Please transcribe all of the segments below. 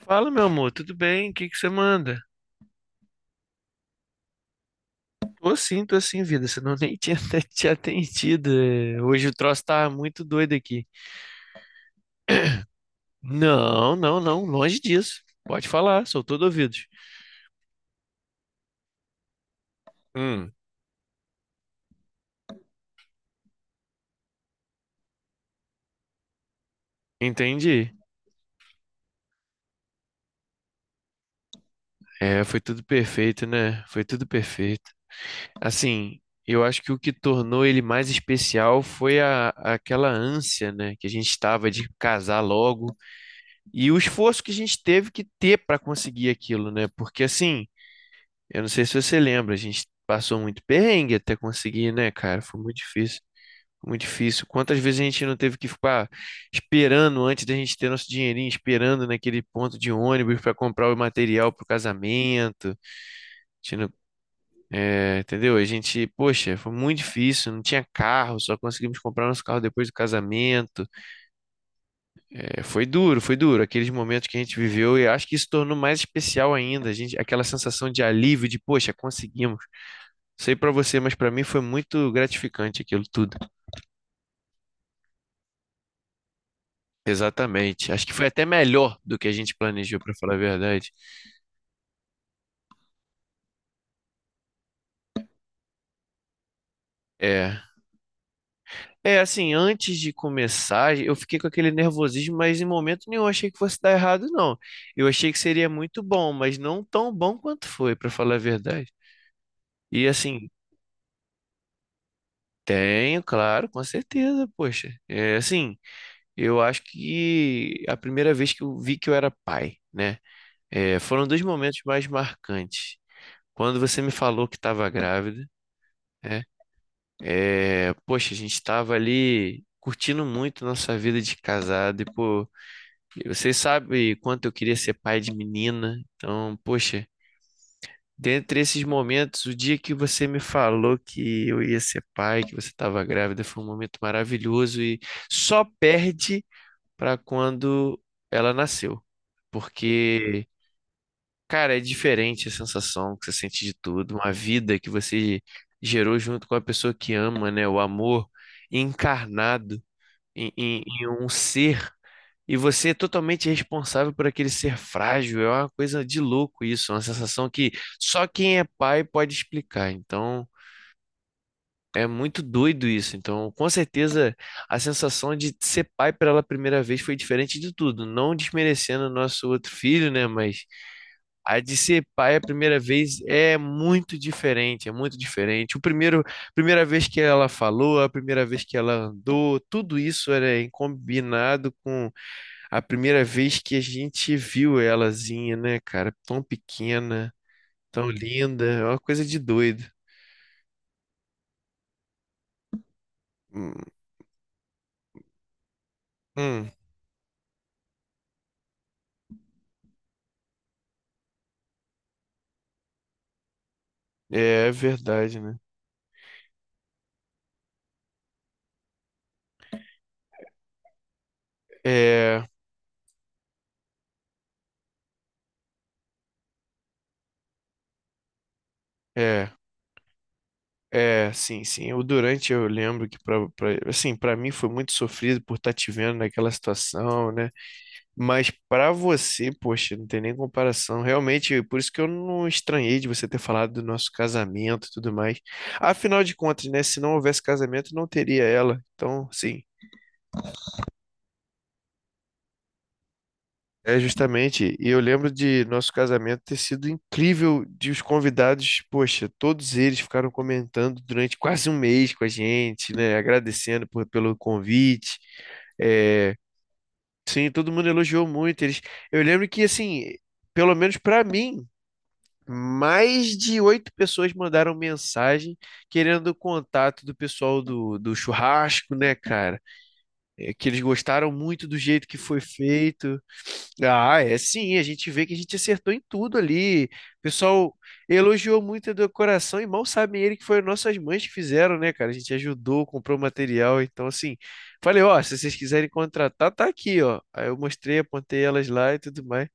Fala, meu amor, tudo bem? O que que você manda? Tô sim, vida, senão eu nem tinha até te atendido. É, hoje o troço tá muito doido aqui. Não, não, não, longe disso. Pode falar, sou todo ouvidos. Hum, entendi. É, foi tudo perfeito, né? Foi tudo perfeito. Assim, eu acho que o que tornou ele mais especial foi aquela ânsia, né, que a gente estava de casar logo e o esforço que a gente teve que ter para conseguir aquilo, né? Porque assim. Eu não sei se você lembra, a gente passou muito perrengue até conseguir, né, cara? Foi muito difícil. Foi muito difícil. Quantas vezes a gente não teve que ficar esperando antes da gente ter nosso dinheirinho, esperando naquele ponto de ônibus para comprar o material para o casamento. A gente não- É, entendeu? A gente, poxa, foi muito difícil, não tinha carro, só conseguimos comprar nosso carro depois do casamento. É, foi duro, foi duro. Aqueles momentos que a gente viveu, e acho que isso tornou mais especial ainda, a gente, aquela sensação de alívio, de, poxa, conseguimos. Sei pra você, mas pra mim foi muito gratificante aquilo tudo. Exatamente. Acho que foi até melhor do que a gente planejou, pra falar a verdade. É. É, assim, antes de começar, eu fiquei com aquele nervosismo, mas em momento nenhum eu achei que fosse dar errado, não. Eu achei que seria muito bom, mas não tão bom quanto foi, pra falar a verdade. E assim, tenho, claro, com certeza, poxa. É, assim, eu acho que a primeira vez que eu vi que eu era pai, né? É, foram dois momentos mais marcantes. Quando você me falou que estava grávida, né? É, poxa, a gente estava ali curtindo muito nossa vida de casado e, pô, vocês sabem quanto eu queria ser pai de menina. Então, poxa, dentre esses momentos, o dia que você me falou que eu ia ser pai, que você estava grávida, foi um momento maravilhoso e só perde para quando ela nasceu. Porque Cara, é diferente a sensação que você sente de tudo, uma vida que você gerou junto com a pessoa que ama, né? O amor encarnado em um ser, e você é totalmente responsável por aquele ser frágil. É uma coisa de louco isso, é uma sensação que só quem é pai pode explicar. Então, é muito doido isso. Então, com certeza, a sensação de ser pai pela primeira vez foi diferente de tudo. Não desmerecendo o nosso outro filho, né? Mas. A de ser pai a primeira vez é muito diferente, é muito diferente. Primeira vez que ela falou, a primeira vez que ela andou, tudo isso era em combinado com a primeira vez que a gente viu elazinha, né, cara? Tão pequena, tão linda, é uma coisa de doido. Hum, hum, é, é verdade, né? É, é. É, sim, sim. O durante eu lembro que para assim, para mim foi muito sofrido por estar te vendo naquela situação, né? Mas pra você, poxa, não tem nem comparação. Realmente, por isso que eu não estranhei de você ter falado do nosso casamento e tudo mais. Afinal de contas, né? Se não houvesse casamento, não teria ela. Então, sim, é justamente. E eu lembro de nosso casamento ter sido incrível, de os convidados, poxa, todos eles ficaram comentando durante quase um mês com a gente, né? Agradecendo por- pelo convite. É, sim, todo mundo elogiou muito eles. Eu lembro que, assim, pelo menos pra mim. Mais de oito pessoas mandaram mensagem querendo o contato do pessoal do churrasco, né, cara? É que eles gostaram muito do jeito que foi feito. Ah, é sim, a gente vê que a gente acertou em tudo ali. O pessoal elogiou muito a decoração e mal sabem ele que foram nossas mães que fizeram, né, cara? A gente ajudou, comprou material. Então, assim, falei, ó, se vocês quiserem contratar, tá aqui, ó. Aí eu mostrei, apontei elas lá e tudo mais.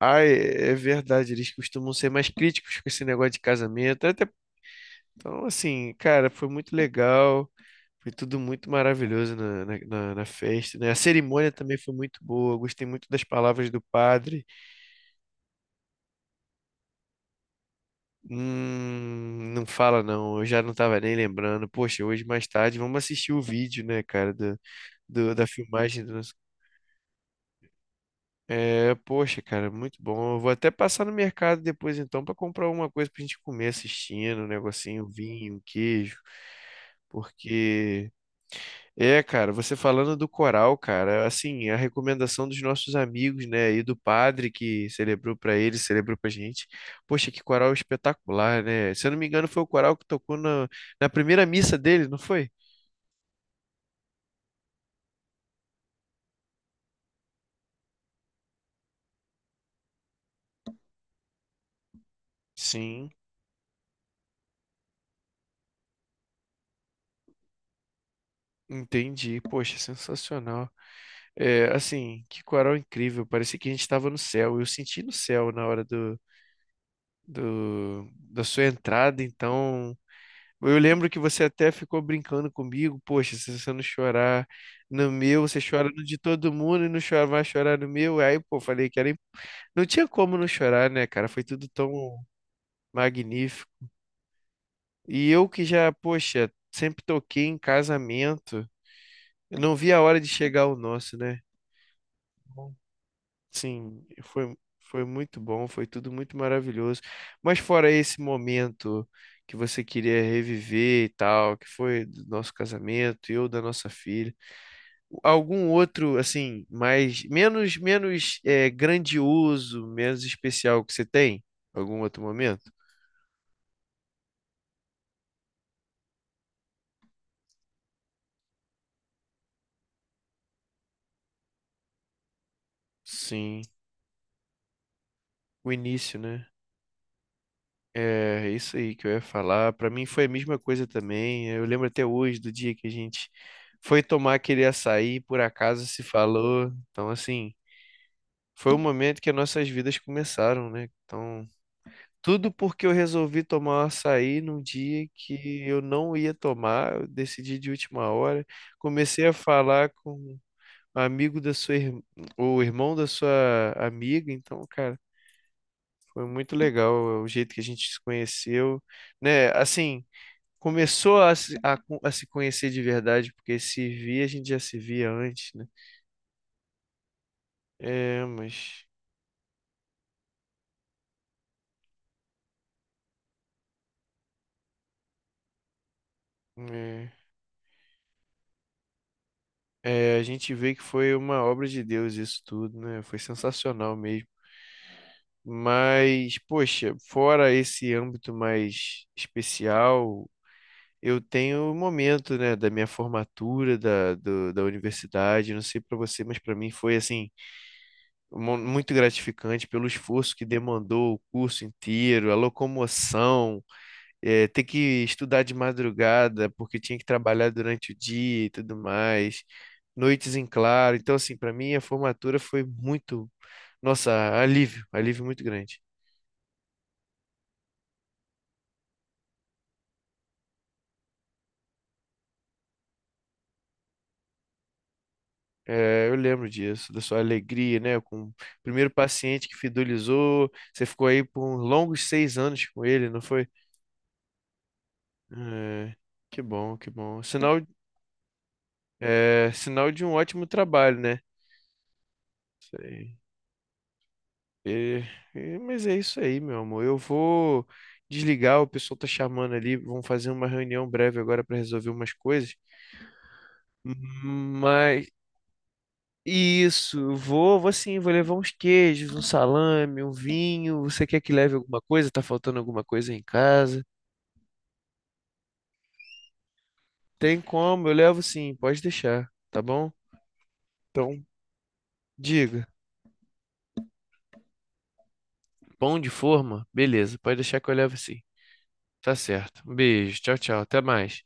Ai, é verdade, eles costumam ser mais críticos com esse negócio de casamento. Até, então, assim, cara, foi muito legal, foi tudo muito maravilhoso na festa, né? A cerimônia também foi muito boa, eu gostei muito das palavras do padre. Não fala não, eu já não tava nem lembrando. Poxa, hoje mais tarde vamos assistir o vídeo, né, cara, da filmagem. É, poxa, cara, muito bom. Eu vou até passar no mercado depois então pra comprar alguma coisa pra gente comer assistindo, um negocinho, um vinho, um queijo. Porque é, cara, você falando do coral, cara, assim, a recomendação dos nossos amigos, né, e do padre que celebrou pra eles, celebrou pra gente. Poxa, que coral espetacular, né? Se eu não me engano, foi o coral que tocou na primeira missa dele, não foi? Sim, entendi. Poxa, sensacional. É, assim, que coral incrível. Parecia que a gente estava no céu. Eu senti no céu na hora da sua entrada, então. Eu lembro que você até ficou brincando comigo. Poxa, se você não chorar no meu, você chora no de todo mundo e não chora, vai chorar no meu. Aí, pô, falei que era. Não tinha como não chorar, né, cara? Foi tudo tão magnífico. E eu que já, poxa, sempre toquei em casamento. Eu não vi a hora de chegar o nosso, né? Sim, foi, foi muito bom, foi tudo muito maravilhoso. Mas fora esse momento que você queria reviver e tal, que foi do nosso casamento, eu da nossa filha, algum outro assim, mais menos é, grandioso, menos especial que você tem? Algum outro momento? Sim, o início, né? É isso aí que eu ia falar. Pra mim foi a mesma coisa também. Eu lembro até hoje do dia que a gente foi tomar aquele açaí, por acaso se falou. Então, assim, foi o momento que as nossas vidas começaram, né? Então, tudo porque eu resolvi tomar um açaí num dia que eu não ia tomar, eu decidi de última hora. Comecei a falar com um amigo da sua irmã, ou irmão da sua amiga. Então, cara, foi muito legal o jeito que a gente se conheceu, né? Assim. Começou a se conhecer de verdade, porque se via, a gente já se via antes, né? É, mas é, é, a gente vê que foi uma obra de Deus isso tudo, né? Foi sensacional mesmo. Mas, poxa, fora esse âmbito mais especial, eu tenho o momento, né, da minha formatura da universidade. Não sei para você, mas para mim foi assim muito gratificante pelo esforço que demandou o curso inteiro, a locomoção ter que estudar de madrugada porque tinha que trabalhar durante o dia e tudo mais, noites em claro. Então, assim, para mim a formatura foi muito, nossa, alívio, alívio muito grande. Eu lembro disso, da sua alegria, né? Com o primeiro paciente que fidelizou, você ficou aí por longos 6 anos com ele, não foi? Eh, que bom, que bom. Sinal, sinal de um ótimo trabalho, né? Isso aí. É, é, mas é isso aí, meu amor. Eu vou desligar, o pessoal tá chamando ali, vão fazer uma reunião breve agora para resolver umas coisas. Mas isso, vou, vou sim, vou levar uns queijos, um salame, um vinho. Você quer que leve alguma coisa? Tá faltando alguma coisa em casa? Tem como, eu levo sim, pode deixar, tá bom? Então, diga. Pão de forma? Beleza, pode deixar que eu levo sim. Tá certo. Um beijo, tchau, tchau, até mais.